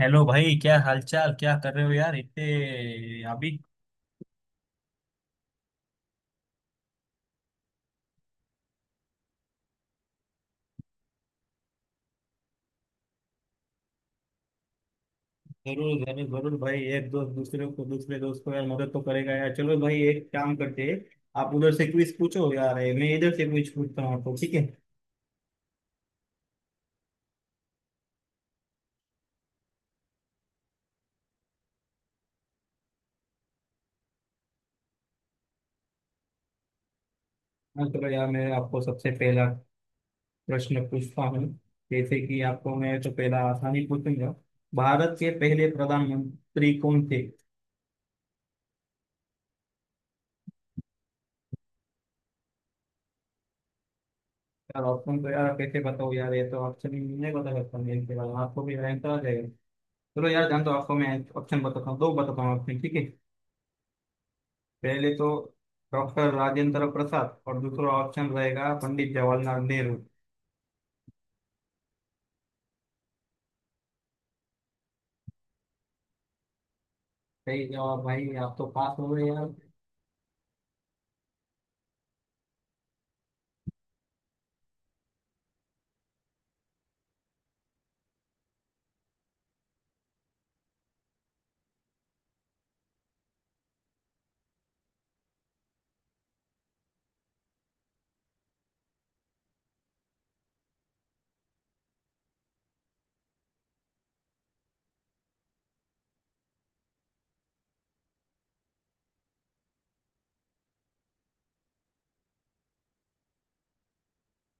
Hello भाई, क्या हालचाल? क्या कर रहे हो यार इतने अभी। जरूर जरूर जरूर भाई, एक दोस्त दूसरे दोस्त को यार मदद तो करेगा यार। चलो भाई, एक काम करते हैं। आप उधर से क्विज पूछो यार, ये मैं इधर से क्विज पूछता हूँ आपको, ठीक है? हाँ चलो यार, मैं आपको सबसे पहला प्रश्न पूछता हूँ। जैसे कि आपको मैं तो पहला आसानी पूछूंगा। भारत के पहले प्रधानमंत्री कौन थे? यार ऑप्शन तो यार कैसे बताओ यार, ये तो ऑप्शन नहीं बता सकता मैं, इसके बारे में आपको भी रहता है। चलो यार जान तो, आपको मैं ऑप्शन बताता हूँ, दो बताता हूँ ऑप्शन, ठीक है? पहले तो डॉक्टर राजेंद्र प्रसाद, और दूसरा ऑप्शन रहेगा पंडित जवाहरलाल नेहरू। सही जवाब भाई, आप तो पास हो गए यार।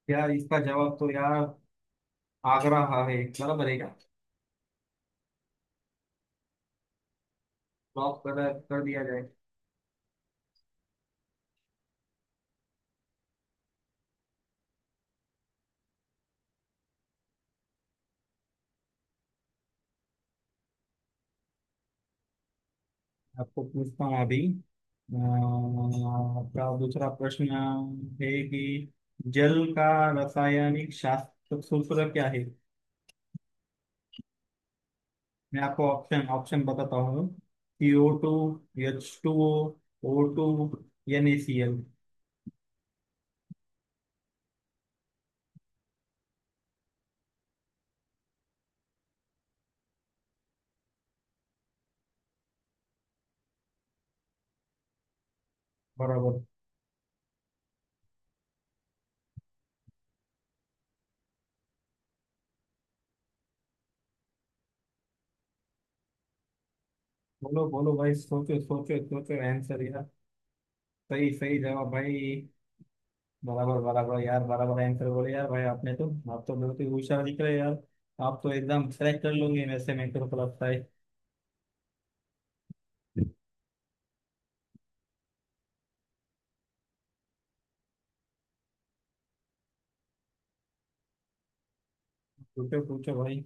यार इसका जवाब तो यार आगरा हा है, बराबर है क्या? लॉक कर कर दिया जाए। आपको पूछता हूँ अभी। आपका दूसरा प्रश्न है कि जल का रासायनिक शास्त्र सूत्र क्या है? मैं आपको ऑप्शन ऑप्शन बताता हूँ। C O two, H two O, O two, N A C L. बराबर। बोलो बोलो भाई, सोचो सोचो सोचो आंसर यार। सही सही जवाब भाई। बराबर बराबर यार, बराबर आंसर बोले यार भाई, आपने तो आप तो बहुत ही होशियार दिख रहे हैं यार। आप तो एकदम क्रैक कर लोगे, वैसे मेरे को तो लगता है। पूछो पूछो भाई।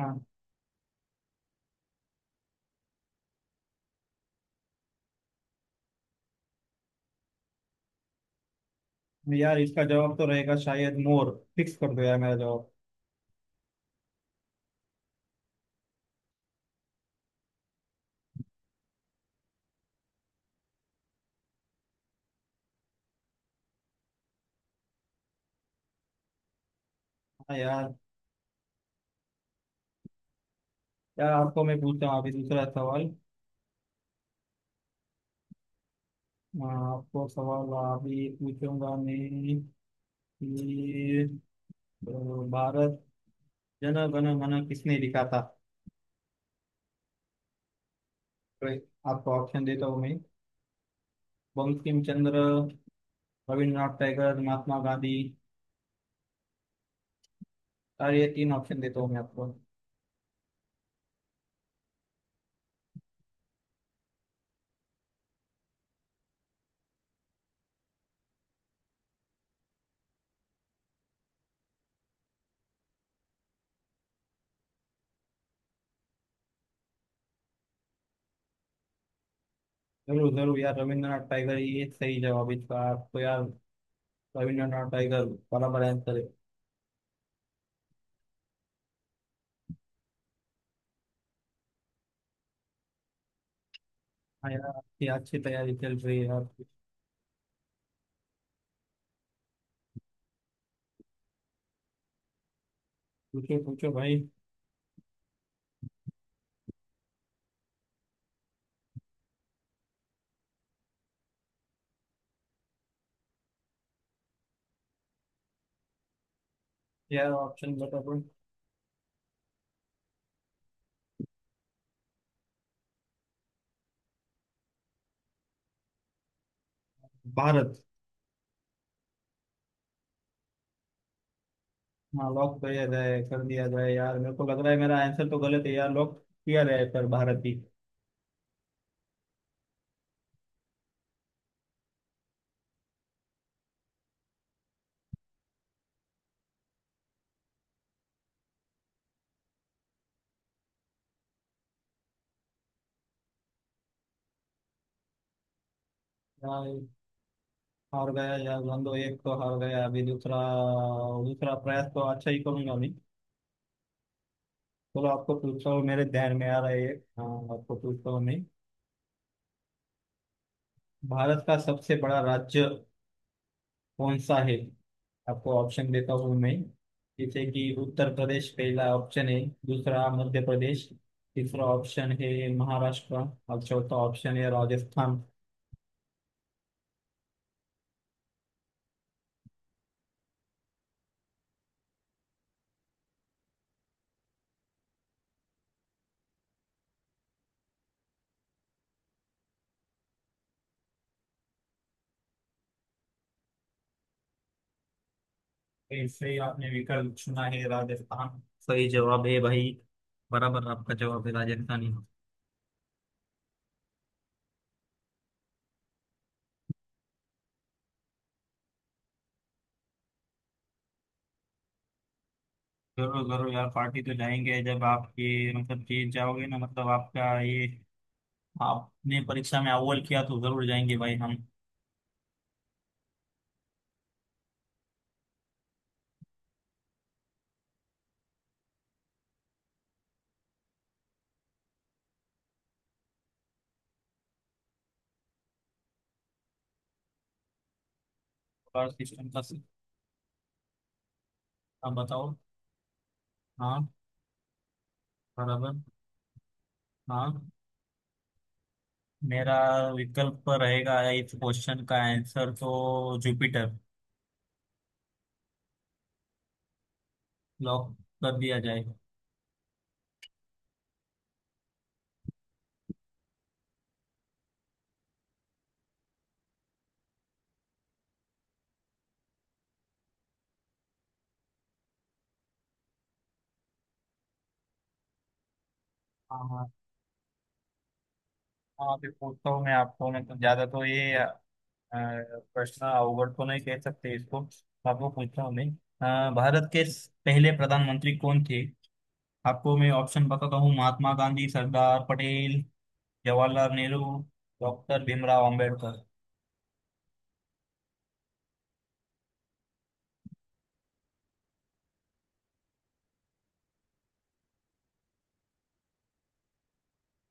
हाँ यार, इसका जवाब तो रहेगा शायद मोर। फिक्स कर दो यार मेरा जवाब। हाँ यार। यार आपको मैं पूछता हूँ अभी दूसरा सवाल। आपको सवाल अभी पूछूंगा मैं, कि अ, भारत जन गण मन किसने लिखा था? तो आपको ऑप्शन देता हूँ मैं। बंकिम चंद्र, रविंद्रनाथ टैगोर, महात्मा गांधी, और ये तीन ऑप्शन देता हूँ मैं आपको। जरूर जरूर यार, रविंद्रनाथ टैगोर ये सही जवाब है इसका, आपको यार। रविंद्रनाथ टैगोर बराबर आंसर है। हाँ यार, आपकी अच्छी तैयारी चल रही है यार। पूछो पूछो भाई। यार ऑप्शन बता दो। भारत। हाँ लॉक किया जाए, कर दिया जाए यार, मेरे को लग रहा है मेरा आंसर तो गलत है यार। लॉक किया जाए, पर भारत भी। यार हार गया यार बंदो, एक तो हार गया अभी, दूसरा। दूसरा प्रयास तो अच्छा ही करूंगा मैं। चलो आपको पूछता हूँ, मेरे ध्यान में आ रहा है एक। हाँ। आपको पूछता हूँ मैं, भारत का सबसे बड़ा राज्य कौन सा है? आपको ऑप्शन देता हूँ मैं। जैसे कि उत्तर प्रदेश पहला ऑप्शन है, दूसरा मध्य प्रदेश, तीसरा ऑप्शन है महाराष्ट्र, और चौथा ऑप्शन है राजस्थान। ऐसे ही आपने विकल्प चुना है, राजस्थान सही जवाब है भाई। बराबर आपका जवाब है राजस्थानी। जरूर जरूर यार, पार्टी तो जाएंगे जब आप ये मतलब जीत जाओगे ना, मतलब आपका ये आपने परीक्षा में अव्वल किया तो जरूर जाएंगे भाई हम। बार सिस्टम का सि- आप बताओ। हाँ। बराबर। हाँ। मेरा विकल्प रहेगा, इस क्वेश्चन का आंसर तो जुपिटर। लॉक कर दिया जाएगा। हाँ हाँ। हाँ, अभी पूछता हूँ मैं आपको, मैं तो ज्यादा तो ये प्रश्न अवगढ़ तो नहीं कह सकते इसको। आपको पूछता हूँ मैं, पहले प्रधानमंत्री कौन थे? आपको मैं ऑप्शन बताता हूँ। महात्मा गांधी, सरदार पटेल, जवाहरलाल नेहरू, डॉक्टर भीमराव अंबेडकर।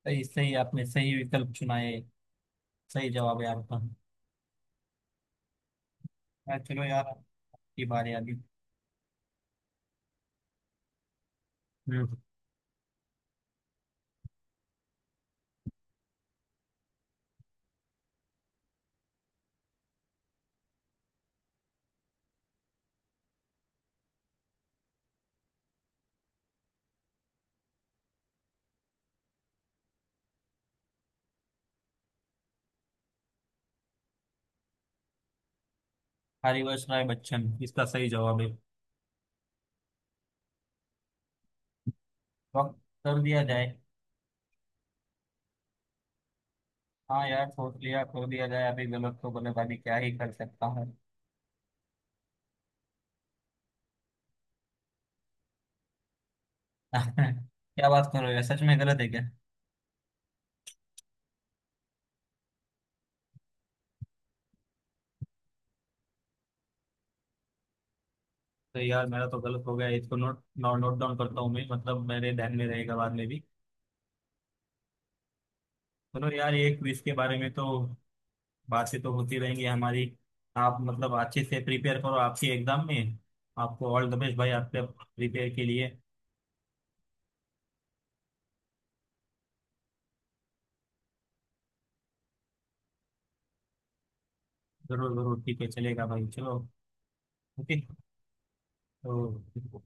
तो इससे ही आपने सही विकल्प चुना है, सही जवाब है आपका। हाँ, चलो यार, आपकी बारी आ गई। हम्म। हरिवंश राय बच्चन इसका सही जवाब है। वक्त कर दिया जाए। हाँ यार सोच लिया, कर दिया जाए, अभी गलत तो गलत, अभी क्या ही कर सकता हूँ। क्या बात कर रहे हो यार, सच में गलत है क्या? तो यार मेरा तो गलत हो गया, इसको नोट नोट नोट डाउन करता हूँ मैं, मतलब मेरे ध्यान में रहेगा बाद में भी। सुनो यार, ये क्विज के बारे में तो बातें तो होती रहेंगी हमारी। आप मतलब अच्छे से प्रिपेयर करो आपके एग्जाम में। आपको ऑल द बेस्ट भाई आपके प्रिपेयर के लिए। जरूर जरूर, ठीक है, चलेगा भाई, चलो। ओके। तो।